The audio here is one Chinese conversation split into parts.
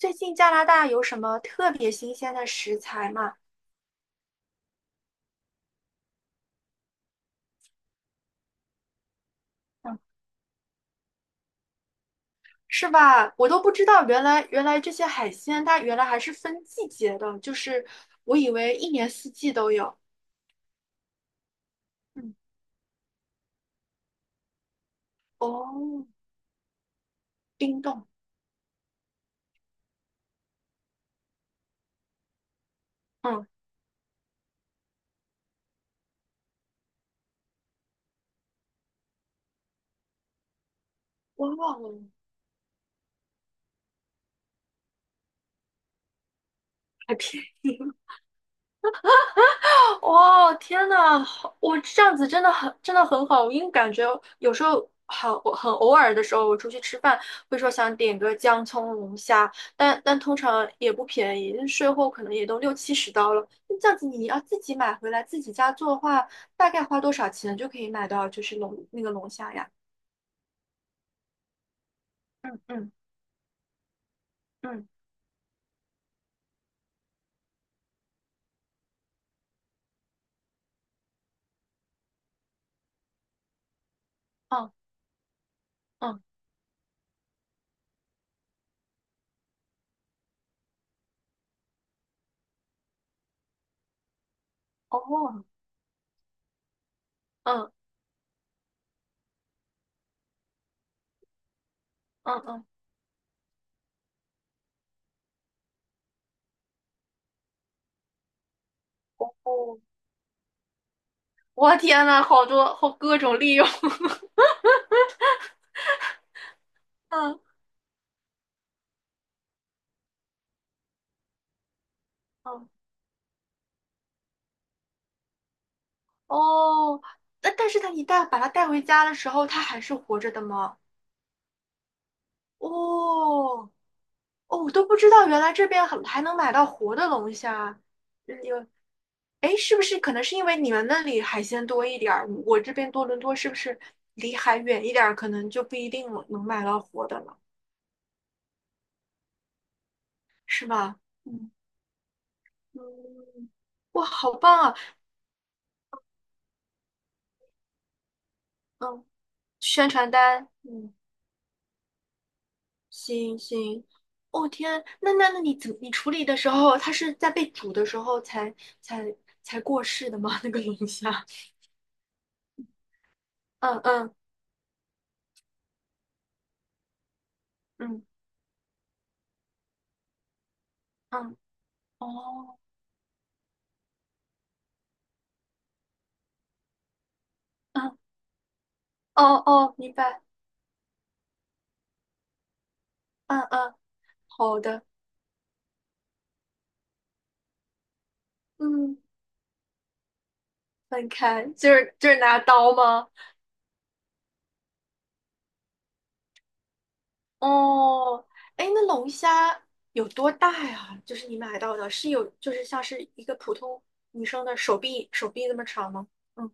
最近加拿大有什么特别新鲜的食材吗？嗯。是吧？我都不知道，原来这些海鲜它原来还是分季节的，就是我以为一年四季都有。嗯。哦，冰冻。嗯。哇。哦，还便宜。哇，天呐，好，我这样子真的很好，因为感觉有时候好很偶尔的时候，我出去吃饭会说想点个姜葱龙虾，但通常也不便宜，税后可能也都六七十刀了。那这样子你要自己买回来自己家做的话，大概花多少钱就可以买到就是龙那个龙虾呀？嗯嗯嗯嗯嗯，哦，嗯嗯嗯，哦，我天呐，好多，好各种利用。嗯。嗯。哦，那但是他一旦把他带回家的时候，他还是活着的吗？哦哦，我都不知道，原来这边还能买到活的龙虾。嗯，有。哎，是不是可能是因为你们那里海鲜多一点儿，我这边多伦多是不是离海远一点儿，可能就不一定能买到活的了？是吧？嗯嗯。哇，好棒啊！嗯，宣传单。嗯。行行。哦，天啊，那你处理的时候，它是在被煮的时候才才过世的吗？那个龙虾？嗯嗯嗯嗯。哦。嗯。哦哦，明白。嗯嗯。好的。嗯，分开，就是拿刀吗？哦。哎，那龙虾有多大呀？就是你买到的，是有就是像是一个普通女生的手臂那么长吗？嗯，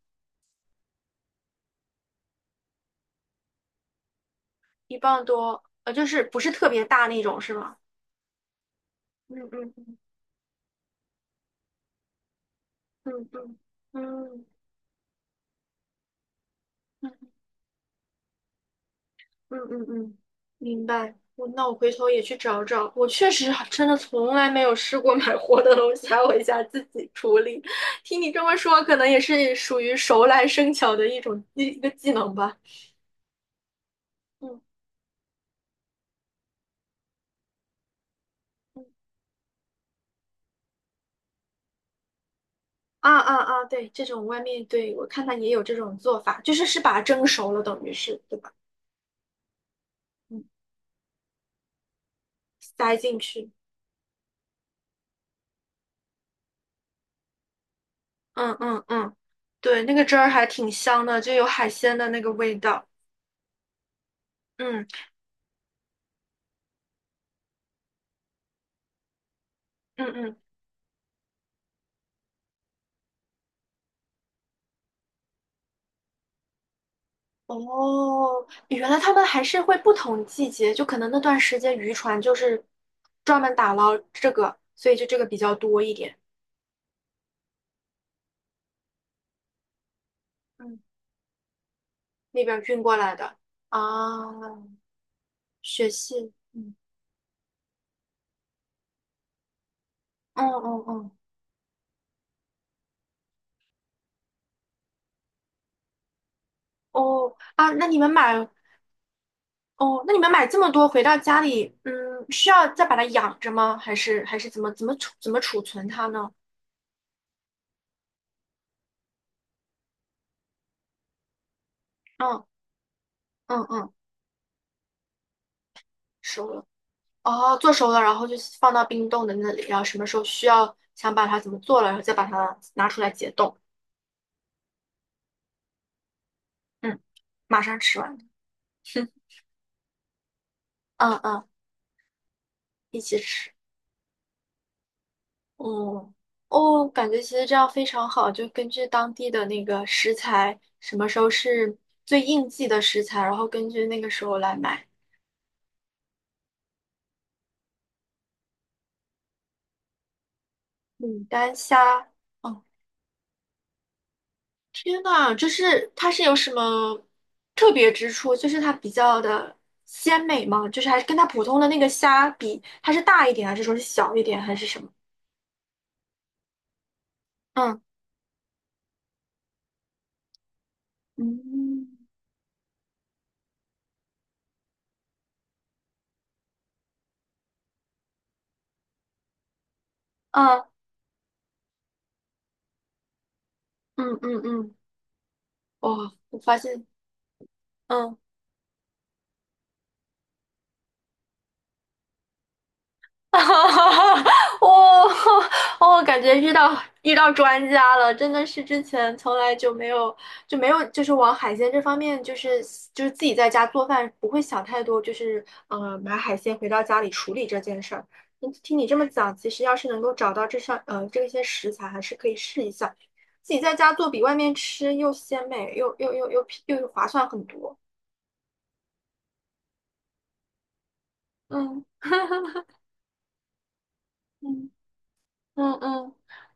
一磅多，就是不是特别大那种，是吗？嗯嗯嗯嗯嗯嗯嗯嗯嗯。嗯，明白。我那我回头也去找找。我确实还真的从来没有试过买活的东西，还回家自己处理。听你这么说，可能也是属于熟来生巧的一种一一个技能吧。嗯嗯。啊啊啊！对，这种外面对我看它也有这种做法，就是是把它蒸熟了，等于是对吧？嗯，塞进去。嗯嗯嗯。对，那个汁儿还挺香的，就有海鲜的那个味道。嗯。嗯嗯。哦，原来他们还是会不同季节，就可能那段时间渔船就是专门打捞这个，所以就这个比较多一点。嗯，那边运过来的啊。雪蟹，嗯。嗯。哦哦哦。哦啊，那你们买哦，那你们买这么多回到家里，嗯，需要再把它养着吗？还是还是怎么怎么储怎么储存它呢？嗯嗯嗯。收了。哦，做熟了，然后就放到冰冻的那里，然后什么时候需要想把它怎么做了，然后再把它拿出来解冻。嗯，马上吃完。嗯嗯。一起吃。嗯。哦，感觉其实这样非常好，就根据当地的那个食材，什么时候是最应季的食材，然后根据那个时候来买。牡丹虾。哦。天呐，就是它是有什么特别之处？就是它比较的鲜美吗？就是还是跟它普通的那个虾比，它是大一点，还是说是小一点，还是什么？嗯嗯嗯嗯嗯嗯。哇，我发现，嗯。哈哈，我我感觉遇到专家了，真的是之前从来就没有，就是往海鲜这方面，就是自己在家做饭不会想太多，就是买海鲜回到家里处理这件事儿。嗯，听你这么讲，其实要是能够找到这些食材，还是可以试一下，自己在家做比外面吃又鲜美又划算很多。嗯嗯。嗯嗯。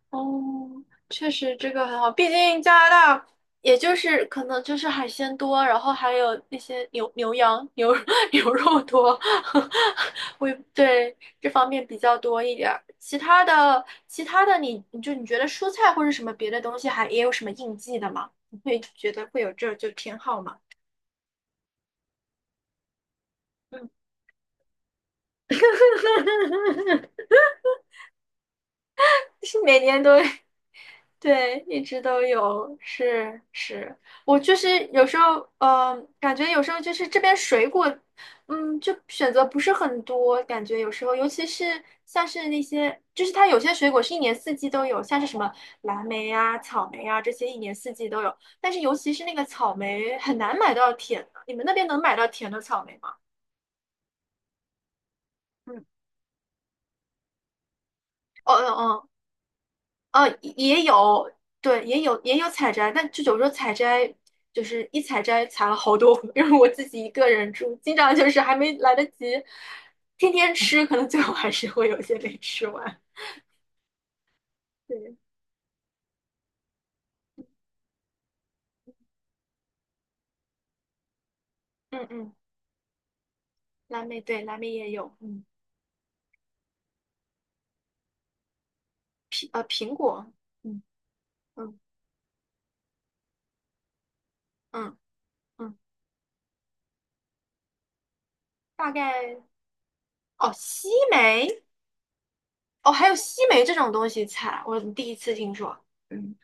哦，确实这个很好，毕竟加拿大也就是可能就是海鲜多，然后还有那些牛牛羊牛 牛肉多。我也对这方面比较多一点儿。其他的你觉得蔬菜或者什么别的东西还也有什么应季的吗？你会觉得会有这就偏好吗？嗯。是每年都有，对，一直都有。是是。我就是有时候，感觉有时候就是这边水果，嗯，就选择不是很多，感觉有时候，尤其是像是那些，就是它有些水果是一年四季都有，像是什么蓝莓啊、草莓啊这些一年四季都有，但是尤其是那个草莓很难买到甜的，你们那边能买到甜的草莓吗？嗯。哦哦哦，也有。对，也有采摘，但就有时候采摘就是一采摘采了好多，因为我自己一个人住，经常就是还没来得及天天吃，可能最后还是会有些没吃完。对。嗯嗯。蓝莓对，蓝莓也有。嗯，苹果，嗯嗯嗯嗯。大概。哦，西梅。哦，还有西梅这种东西采，我第一次听说。嗯。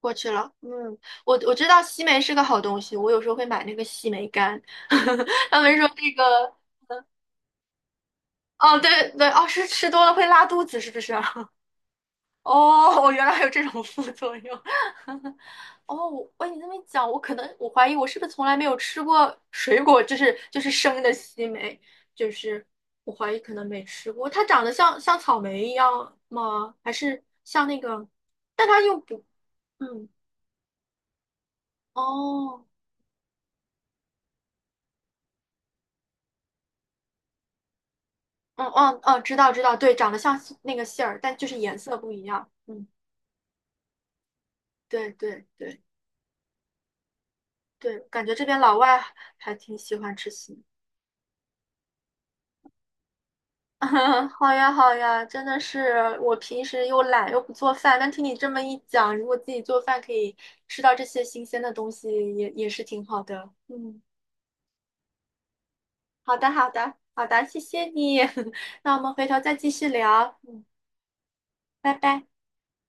过去了。嗯，我知道西梅是个好东西，我有时候会买那个西梅干，他们说这个。哦，对对。哦，是吃多了会拉肚子，是不是啊？哦，原来还有这种副作用。哦，我喂，你这么一讲，我可能我怀疑我是不是从来没有吃过水果，就是生的西梅，就是我怀疑可能没吃过。它长得像草莓一样吗？还是像那个？但它又不，嗯。哦。嗯嗯嗯，知道知道，对，长得像杏那个杏儿，但就是颜色不一样。嗯。对对对对，感觉这边老外还挺喜欢吃杏。好呀好呀，真的是我平时又懒又不做饭，但听你这么一讲，如果自己做饭可以吃到这些新鲜的东西也，也是挺好的。嗯。好的好的好的，谢谢你。那我们回头再继续聊。嗯，拜拜。